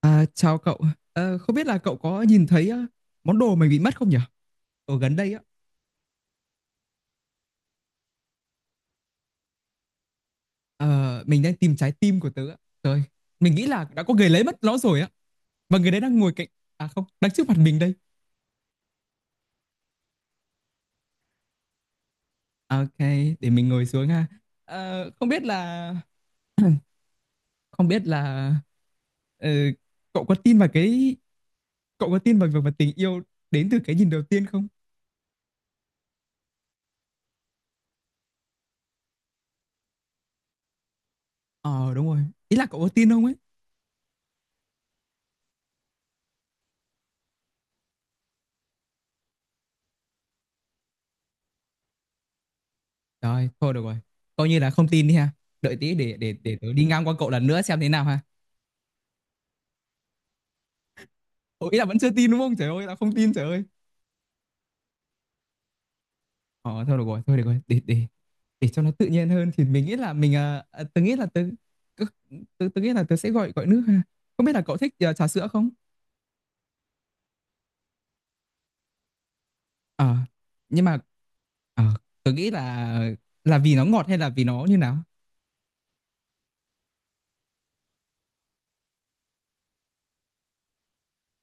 À, chào cậu. Không biết là cậu có nhìn thấy món đồ mình bị mất không nhỉ? Ở gần đây á, ờ, mình đang tìm trái tim của tớ á. Trời, mình nghĩ là đã có người lấy mất nó rồi á. Và người đấy đang ngồi cạnh, à không, đang trước mặt mình đây. Ok, để mình ngồi xuống ha. Ờ, không biết là, không biết là, ờ, cậu có tin vào cái, cậu có tin vào việc mà tình yêu đến từ cái nhìn đầu tiên không? Ờ, đúng rồi. Ý là cậu có tin không ấy? Rồi, thôi được rồi. Coi như là không tin đi ha. Đợi tí để tớ đi ngang qua cậu lần nữa xem thế nào ha. Ủa, ý là vẫn chưa tin đúng không? Trời ơi, là không tin trời ơi. Ờ, thôi được rồi, để cho nó tự nhiên hơn thì mình nghĩ là tớ nghĩ là tớ tớ, tớ tớ nghĩ là tớ sẽ gọi gọi nước ha. Không biết là cậu thích trà sữa không? Ờ. Nhưng mà ờ, tớ nghĩ là vì nó ngọt hay là vì nó như nào?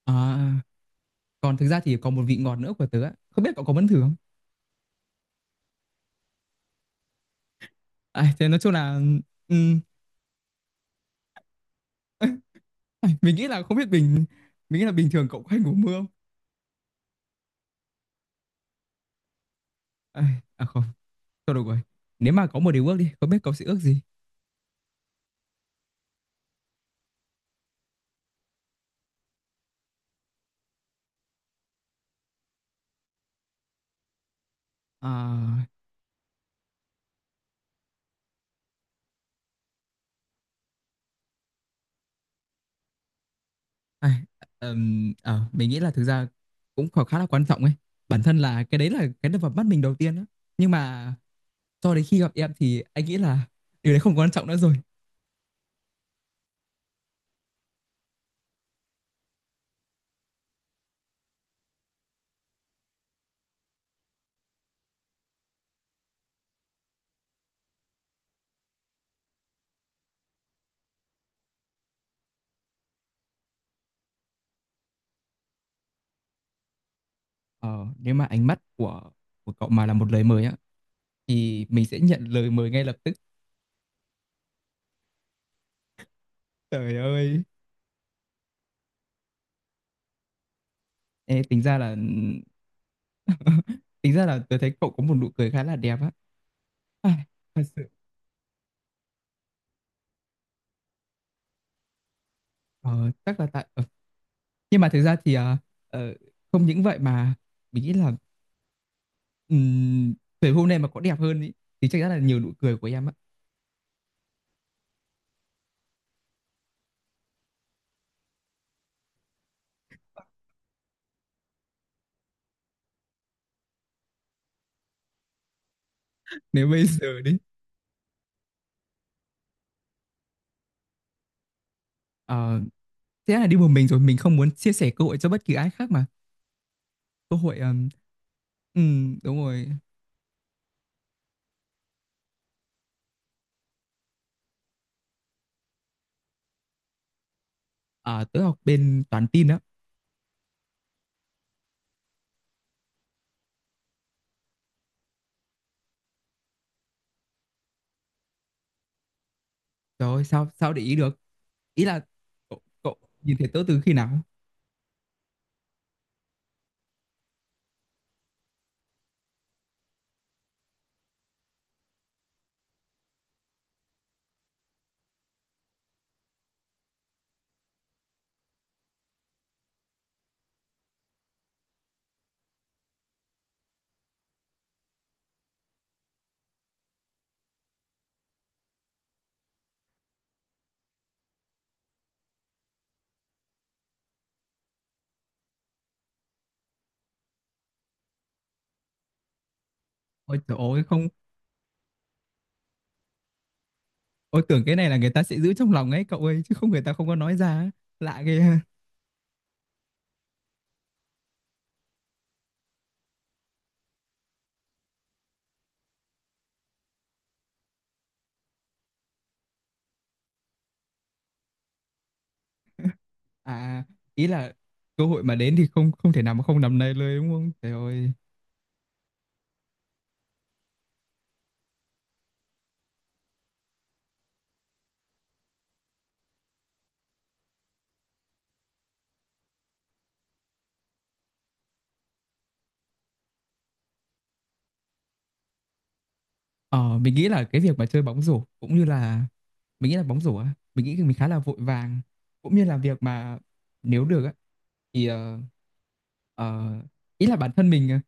Ờ, Còn thực ra thì còn một vị ngọt nữa của tớ á. Không biết cậu có muốn thử không? À, thế nói chung là ừm, mình nghĩ là không biết bình mình nghĩ là bình thường cậu có hay ngủ mưa không? Ai, à không, thôi được rồi. Nếu mà có một điều ước đi, không biết cậu sẽ ước gì? Ờ, ai, mình nghĩ là thực ra cũng khá khá là quan trọng ấy. Bản thân là cái đấy là cái đập vào mắt mình đầu tiên đó. Nhưng mà cho đến khi gặp em thì anh nghĩ là điều đấy không quan trọng nữa rồi. Ờ, Nếu mà ánh mắt của cậu mà là một lời mời á thì mình sẽ nhận lời mời ngay lập tức. Trời ơi. Ê, tính ra là tính ra là tôi thấy cậu có một nụ cười khá là đẹp á. Ai, Thật sự ờ, chắc là tại, nhưng mà thực ra thì, ờ, không những vậy mà mình nghĩ là ừm, về hôm nay mà có đẹp hơn ý, thì chắc chắn là nhiều nụ cười của em á. Nếu bây giờ đi ờ, Thế là đi một mình rồi, mình không muốn chia sẻ cơ hội cho bất kỳ ai khác mà. Cơ hội, đúng rồi. Tớ học bên toán tin á. Trời ơi, sao sao để ý được. Ý là cậu nhìn thấy tớ từ khi nào? Ôi trời ơi không. Ôi tưởng cái này là người ta sẽ giữ trong lòng ấy cậu ơi, chứ không người ta không có nói ra ấy. Lạ ghê. À, ý là cơ hội mà đến thì không không thể nào mà không nắm lấyเลยđúng không? Trời ơi. Ờ, mình nghĩ là cái việc mà chơi bóng rổ cũng như là, mình nghĩ là bóng rổ á, mình nghĩ mình khá là vội vàng, cũng như là việc mà nếu được á thì ờ, ý là bản thân mình,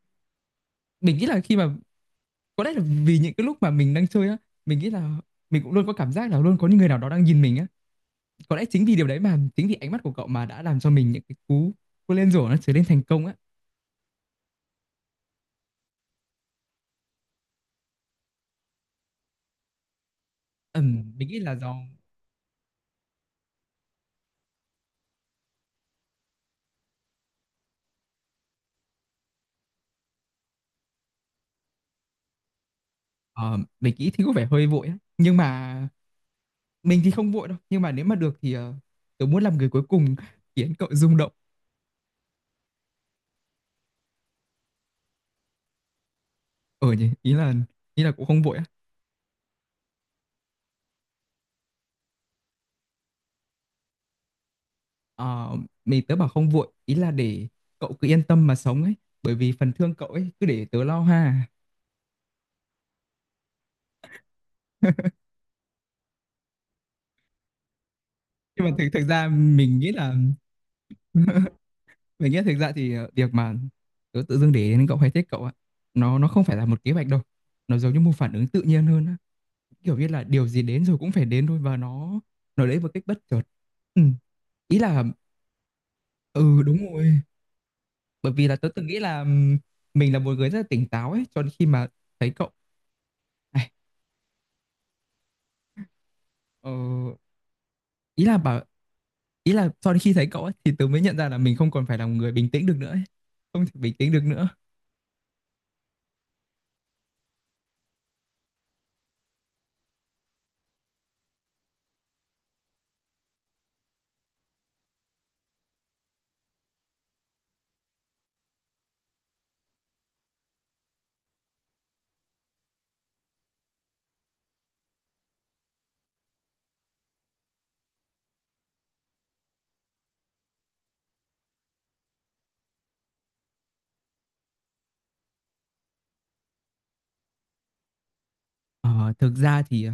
mình nghĩ là khi mà, có lẽ là vì những cái lúc mà mình đang chơi á, mình nghĩ là mình cũng luôn có cảm giác là luôn có những người nào đó đang nhìn mình á. Có lẽ chính vì điều đấy, mà chính vì ánh mắt của cậu mà đã làm cho mình những cái cú cú lên rổ nó trở nên thành công á. Mình nghĩ là do. Ờ, mình nghĩ thì có vẻ hơi vội á. Nhưng mà mình thì không vội đâu. Nhưng mà nếu mà được thì tớ muốn làm người cuối cùng khiến cậu rung động. Ờ nhỉ, ý là cũng không vội á. Ờ, mình tớ bảo không vội, ý là để cậu cứ yên tâm mà sống ấy. Bởi vì phần thương cậu ấy cứ để tớ lo ha. Nhưng mà thực thực ra mình nghĩ là, mình nghĩ là thực ra thì việc mà tớ tự dưng để đến cậu hay thích cậu á, nó không phải là một kế hoạch đâu. Nó giống như một phản ứng tự nhiên hơn á. Kiểu như là điều gì đến rồi cũng phải đến thôi, và nó đến một cách bất chợt. Ừ. Ý là, ừ đúng rồi. Bởi vì là tớ từng nghĩ là mình là một người rất là tỉnh táo ấy, cho đến khi mà thấy cậu này. ờ, ý là bảo Ý là cho đến khi thấy cậu ấy thì tớ mới nhận ra là mình không còn phải là một người bình tĩnh được nữa ấy. Không thể bình tĩnh được nữa. Ờ, Thực ra thì,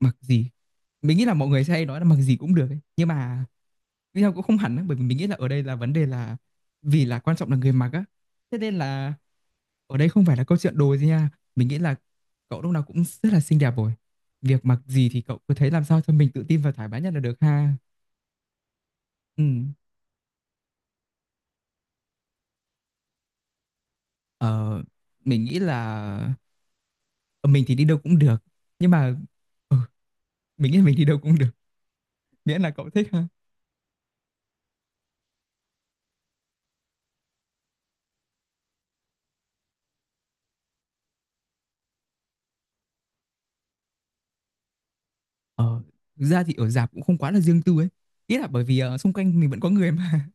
mặc gì, mình nghĩ là mọi người sẽ hay nói là mặc gì cũng được ấy. Nhưng mà cũng không hẳn ấy, bởi vì mình nghĩ là ở đây là vấn đề là, vì là quan trọng là người mặc á, thế nên là ở đây không phải là câu chuyện đồ gì nha. Mình nghĩ là cậu lúc nào cũng rất là xinh đẹp rồi. Việc mặc gì thì cậu cứ thấy làm sao cho mình tự tin và thoải mái nhất là được ha. Ừ. ờ, mình nghĩ là, ờ, mình thì đi đâu cũng được, nhưng mà ờ, mình nghĩ là mình đi đâu cũng được, miễn là cậu thích ha. ờ Thực ra thì ở rạp cũng không quá là riêng tư ấy. Ý là bởi vì xung quanh mình vẫn có người mà.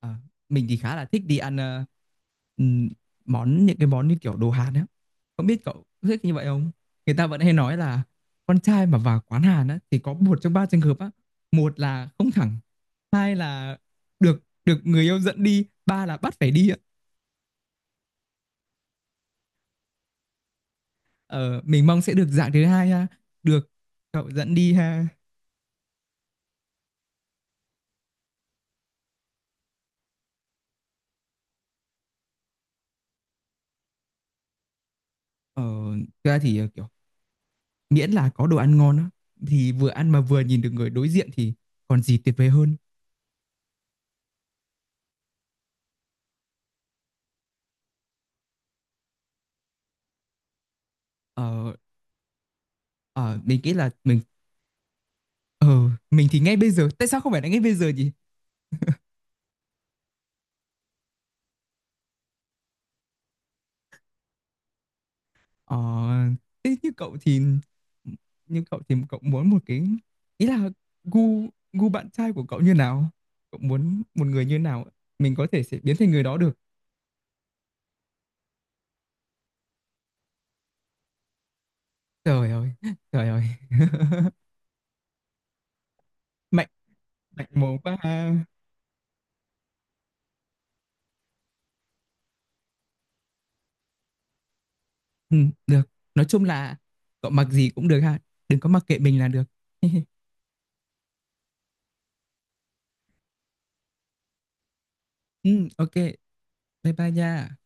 Ờ, mình thì khá là thích đi ăn, ừ, những cái món như kiểu đồ Hàn á. Không biết cậu có thích như vậy không. Người ta vẫn hay nói là con trai mà vào quán Hàn á thì có một trong ba trường hợp á: một là không thẳng, hai là được được người yêu dẫn đi, ba là bắt phải đi á. Ờ, mình mong sẽ được dạng thứ hai ha, được cậu dẫn đi ha. ờ, Thực ra thì, kiểu, miễn là có đồ ăn ngon á, thì vừa ăn mà vừa nhìn được người đối diện thì còn gì tuyệt vời hơn. Ờ. ờ, mình nghĩ là mình thì ngay bây giờ, tại sao không phải là ngay bây giờ nhỉ? Ờ, thế như cậu thì Như cậu thì cậu muốn một cái, ý là gu gu bạn trai của cậu như nào? Cậu muốn một người như nào? Mình có thể sẽ biến thành người đó được. Trời ơi, trời ơi. Mạnh mạnh mồm quá ha. Ừ, được. Nói chung là cậu mặc gì cũng được ha. Đừng có mặc kệ mình là được. Ừ, ok. Bye bye nha.